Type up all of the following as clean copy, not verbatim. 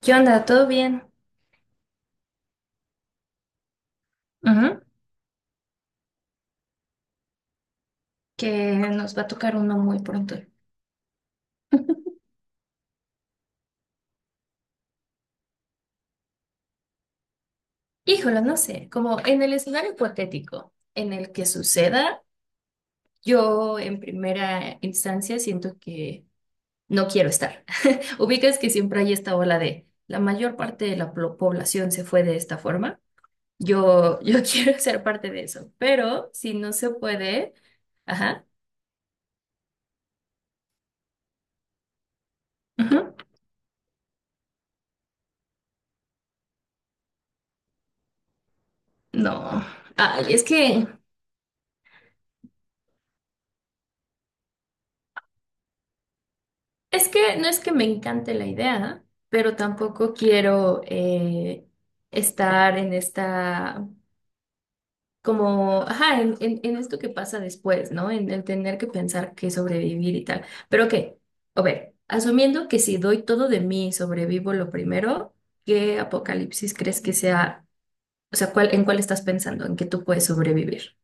¿Qué onda? ¿Todo bien? Ujú. Que nos va a tocar uno muy pronto. Híjole, no sé, como en el escenario hipotético en el que suceda, yo en primera instancia siento que no quiero estar. Ubicas que siempre hay esta ola de la mayor parte de la población se fue de esta forma. Yo quiero ser parte de eso, pero si no se puede, ajá, ujú, no. Ay, es que... Es que no es que me encante la idea, pero tampoco quiero estar en esta, como, ajá, en esto que pasa después, ¿no? En el tener que pensar que sobrevivir y tal. Pero que, a ver, asumiendo que si doy todo de mí y sobrevivo lo primero, ¿qué apocalipsis crees que sea? O sea, ¿cuál, en cuál estás pensando? ¿En qué tú puedes sobrevivir?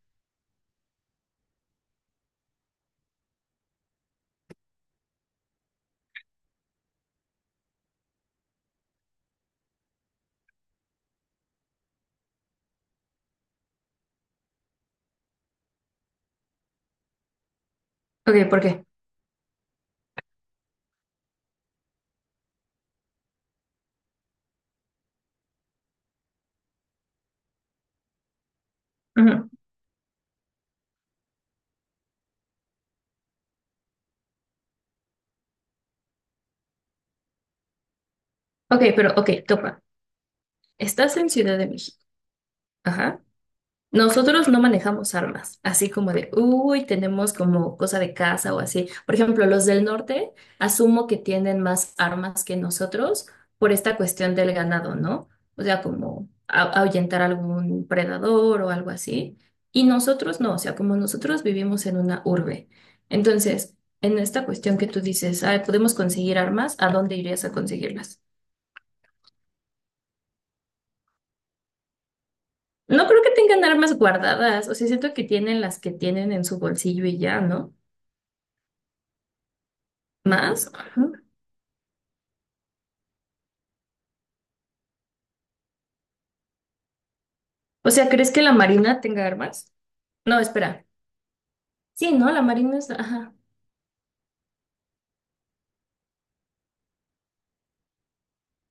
Ok, ¿por qué? Ujú. Ok, pero, ok, topa. Estás en Ciudad de México. Ajá. Nosotros no manejamos armas, así como de, uy, tenemos como cosa de casa o así. Por ejemplo, los del norte asumo que tienen más armas que nosotros por esta cuestión del ganado, ¿no? O sea, como ahuyentar algún predador o algo así. Y nosotros no, o sea, como nosotros vivimos en una urbe. Entonces, en esta cuestión que tú dices: "Ay, podemos conseguir armas, ¿a dónde irías a conseguirlas?". No creo que tengan armas guardadas, o sea, siento que tienen las que tienen en su bolsillo y ya, ¿no? ¿Más? Ajá. O sea, ¿crees que la Marina tenga armas? No, espera. Sí, ¿no? La Marina es... Ajá.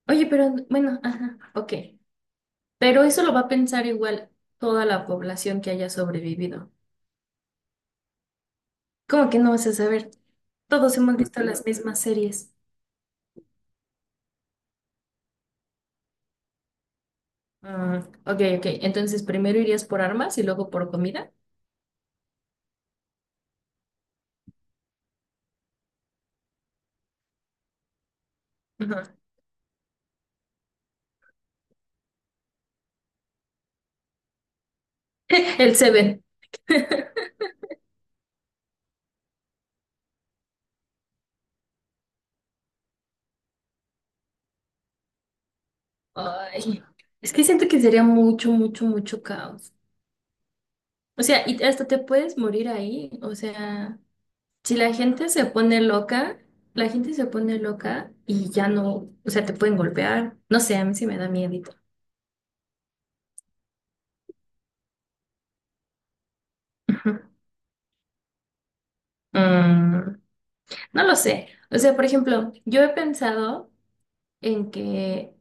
Oye, pero bueno, ajá, ok. Pero eso lo va a pensar igual toda la población que haya sobrevivido. ¿Cómo que no vas a saber? Todos hemos visto las mismas series. Mm, ok, ok. Entonces, primero irías por armas y luego por comida. Ajá. El Seven. Ay, es que siento que sería mucho, mucho, mucho caos. O sea, y hasta te puedes morir ahí. O sea... Si la gente se pone loca, la gente se pone loca y ya no, o sea, te pueden golpear. No sé, a mí sí me da miedito. Ujú. Mm, no lo sé. O sea, por ejemplo, yo he pensado en que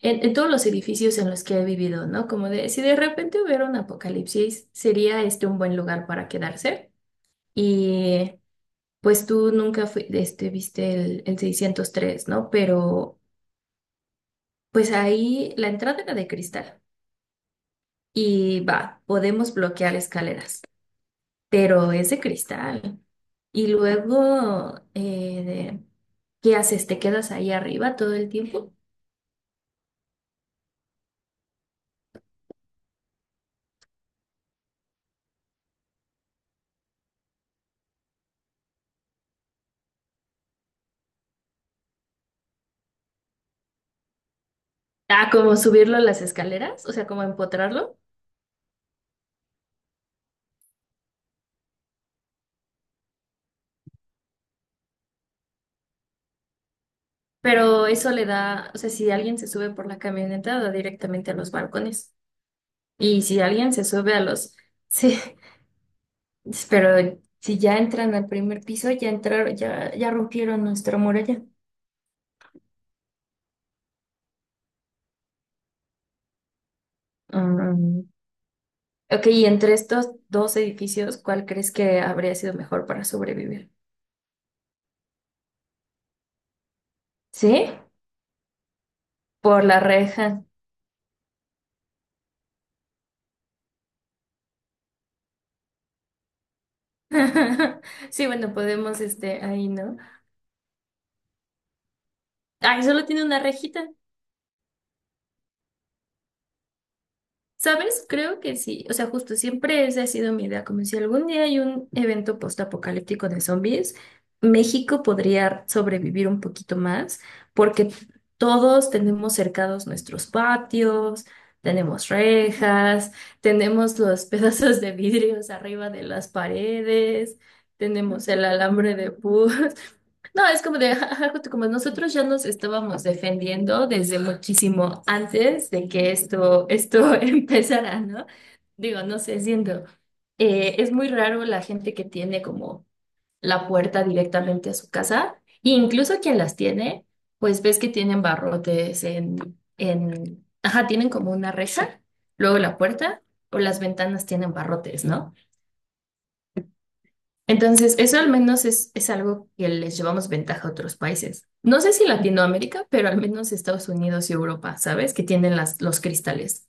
en todos los edificios en los que he vivido, ¿no? Como de, si de repente hubiera un apocalipsis, sería este un buen lugar para quedarse. Y pues tú nunca fui, este, viste el 603, ¿no? Pero pues ahí la entrada era de cristal. Y va, podemos bloquear escaleras, pero es de cristal. Y luego, de- ¿qué haces? ¿Te quedas ahí arriba todo el tiempo? Ah, como subirlo a las escaleras, o sea, como empotrarlo. Pero eso le da, o sea, si alguien se sube por la camioneta, da directamente a los balcones. Y si alguien se sube a los, sí, pero si ya entran al primer piso, ya entraron, ya rompieron nuestra muralla. Ok, y entre estos dos edificios, ¿cuál crees que habría sido mejor para sobrevivir? ¿Sí? Por la reja. Sí, bueno, podemos, este, ahí, ¿no? Ay, solo tiene una rejita. ¿Sabes? Creo que sí. O sea, justo siempre esa ha sido mi idea, como si algún día hay un evento postapocalíptico de zombies, México podría sobrevivir un poquito más, porque todos tenemos cercados nuestros patios, tenemos rejas, tenemos los pedazos de vidrios arriba de las paredes, tenemos el alambre de púas. No, es como de, ja, ja, ja, justo como nosotros ya nos estábamos defendiendo desde muchísimo antes de que esto empezara, ¿no? Digo, no sé, siento, es muy raro la gente que tiene como la puerta directamente a su casa, e incluso quien las tiene, pues ves que tienen barrotes en, ajá, tienen como una reja, luego la puerta o las ventanas tienen barrotes, ¿no? Entonces, eso al menos es algo que les llevamos ventaja a otros países. No sé si Latinoamérica, pero al menos Estados Unidos y Europa, ¿sabes? Que tienen las, los cristales.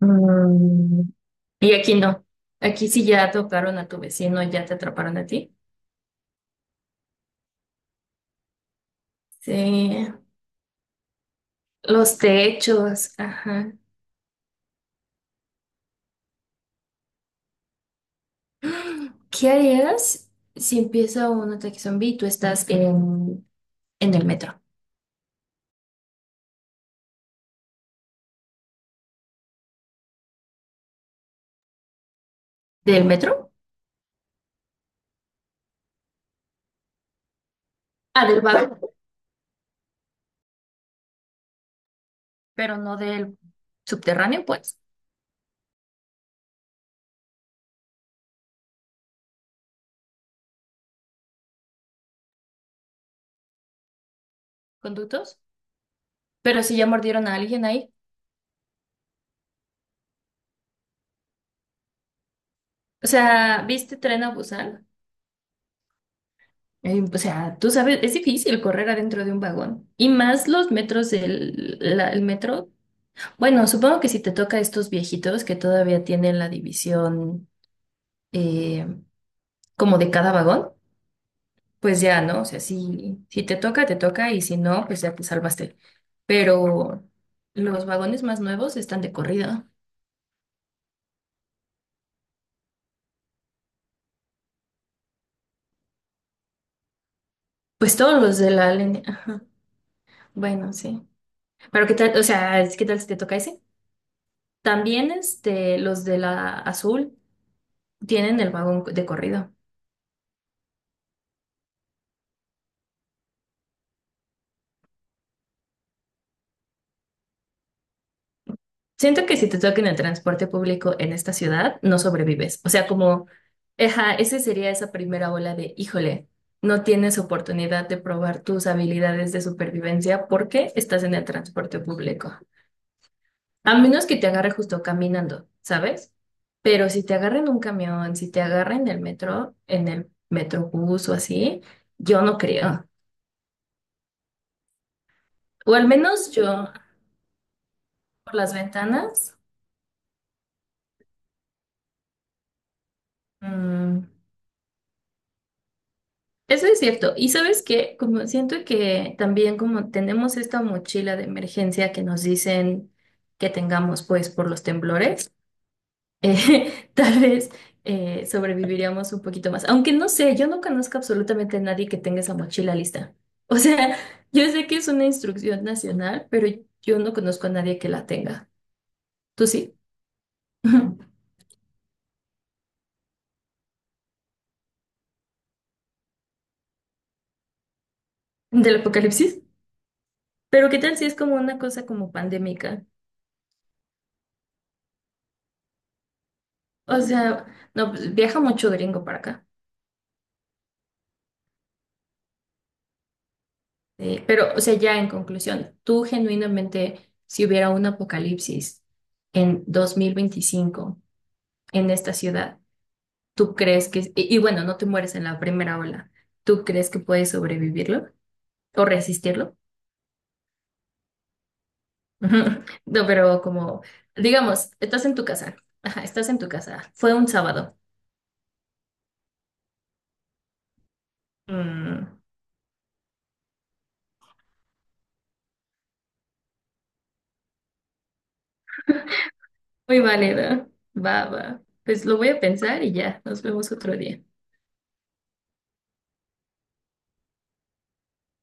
Mm. Y aquí no. Aquí sí ya tocaron a tu vecino, ya te atraparon a ti. Sí. Los techos, ajá. ¿Qué harías si empieza un ataque zombie y tú estás en el metro? ¿Del metro? Ah, del vago, pero no del subterráneo, pues, conductos. Pero sí ya mordieron a alguien ahí. O sea, ¿viste Tren a Busan? O sea, tú sabes, es difícil correr adentro de un vagón. Y más los metros el metro. Bueno, supongo que si te toca estos viejitos que todavía tienen la división eh, como de cada vagón, pues ya, ¿no? O sea, si, si te toca, te toca, y si no, pues ya te salvaste. Pero los vagones más nuevos están de corrida. Pues todos los de la línea. Bueno, sí. Pero qué tal, o sea, ¿qué tal si te toca ese? También este, los de la azul tienen el vagón de corrido. Siento que si te toca en el transporte público en esta ciudad, no sobrevives. O sea, como, eja, ese sería esa primera ola de, híjole, no tienes oportunidad de probar tus habilidades de supervivencia porque estás en el transporte público. A menos que te agarre justo caminando, ¿sabes? Pero si te agarra en un camión, si te agarra en el metro, en el metrobús o así, yo no creo. O al menos yo por las ventanas. mm, Eso es cierto. Y sabes que como siento que también como tenemos esta mochila de emergencia que nos dicen que tengamos pues por los temblores. Tal vez sobreviviríamos un poquito más. Aunque no sé, yo no conozco absolutamente a nadie que tenga esa mochila lista. O sea, yo sé que es una instrucción nacional, pero yo no conozco a nadie que la tenga. ¿Tú sí? ¿Del apocalipsis? Pero ¿qué tal si es como una cosa como pandémica? O sea, no, pues, viaja mucho gringo para acá. Pero, o sea, ya en conclusión, tú genuinamente, si hubiera un apocalipsis en 2025 en esta ciudad, ¿tú crees que, y bueno, no te mueres en la primera ola, ¿tú crees que puedes sobrevivirlo o resistirlo? Ujú. No, pero como, digamos, estás en tu casa, ajá, estás en tu casa, fue un sábado. Mm, muy válido, va, va. Pues lo voy a pensar y ya, nos vemos otro día.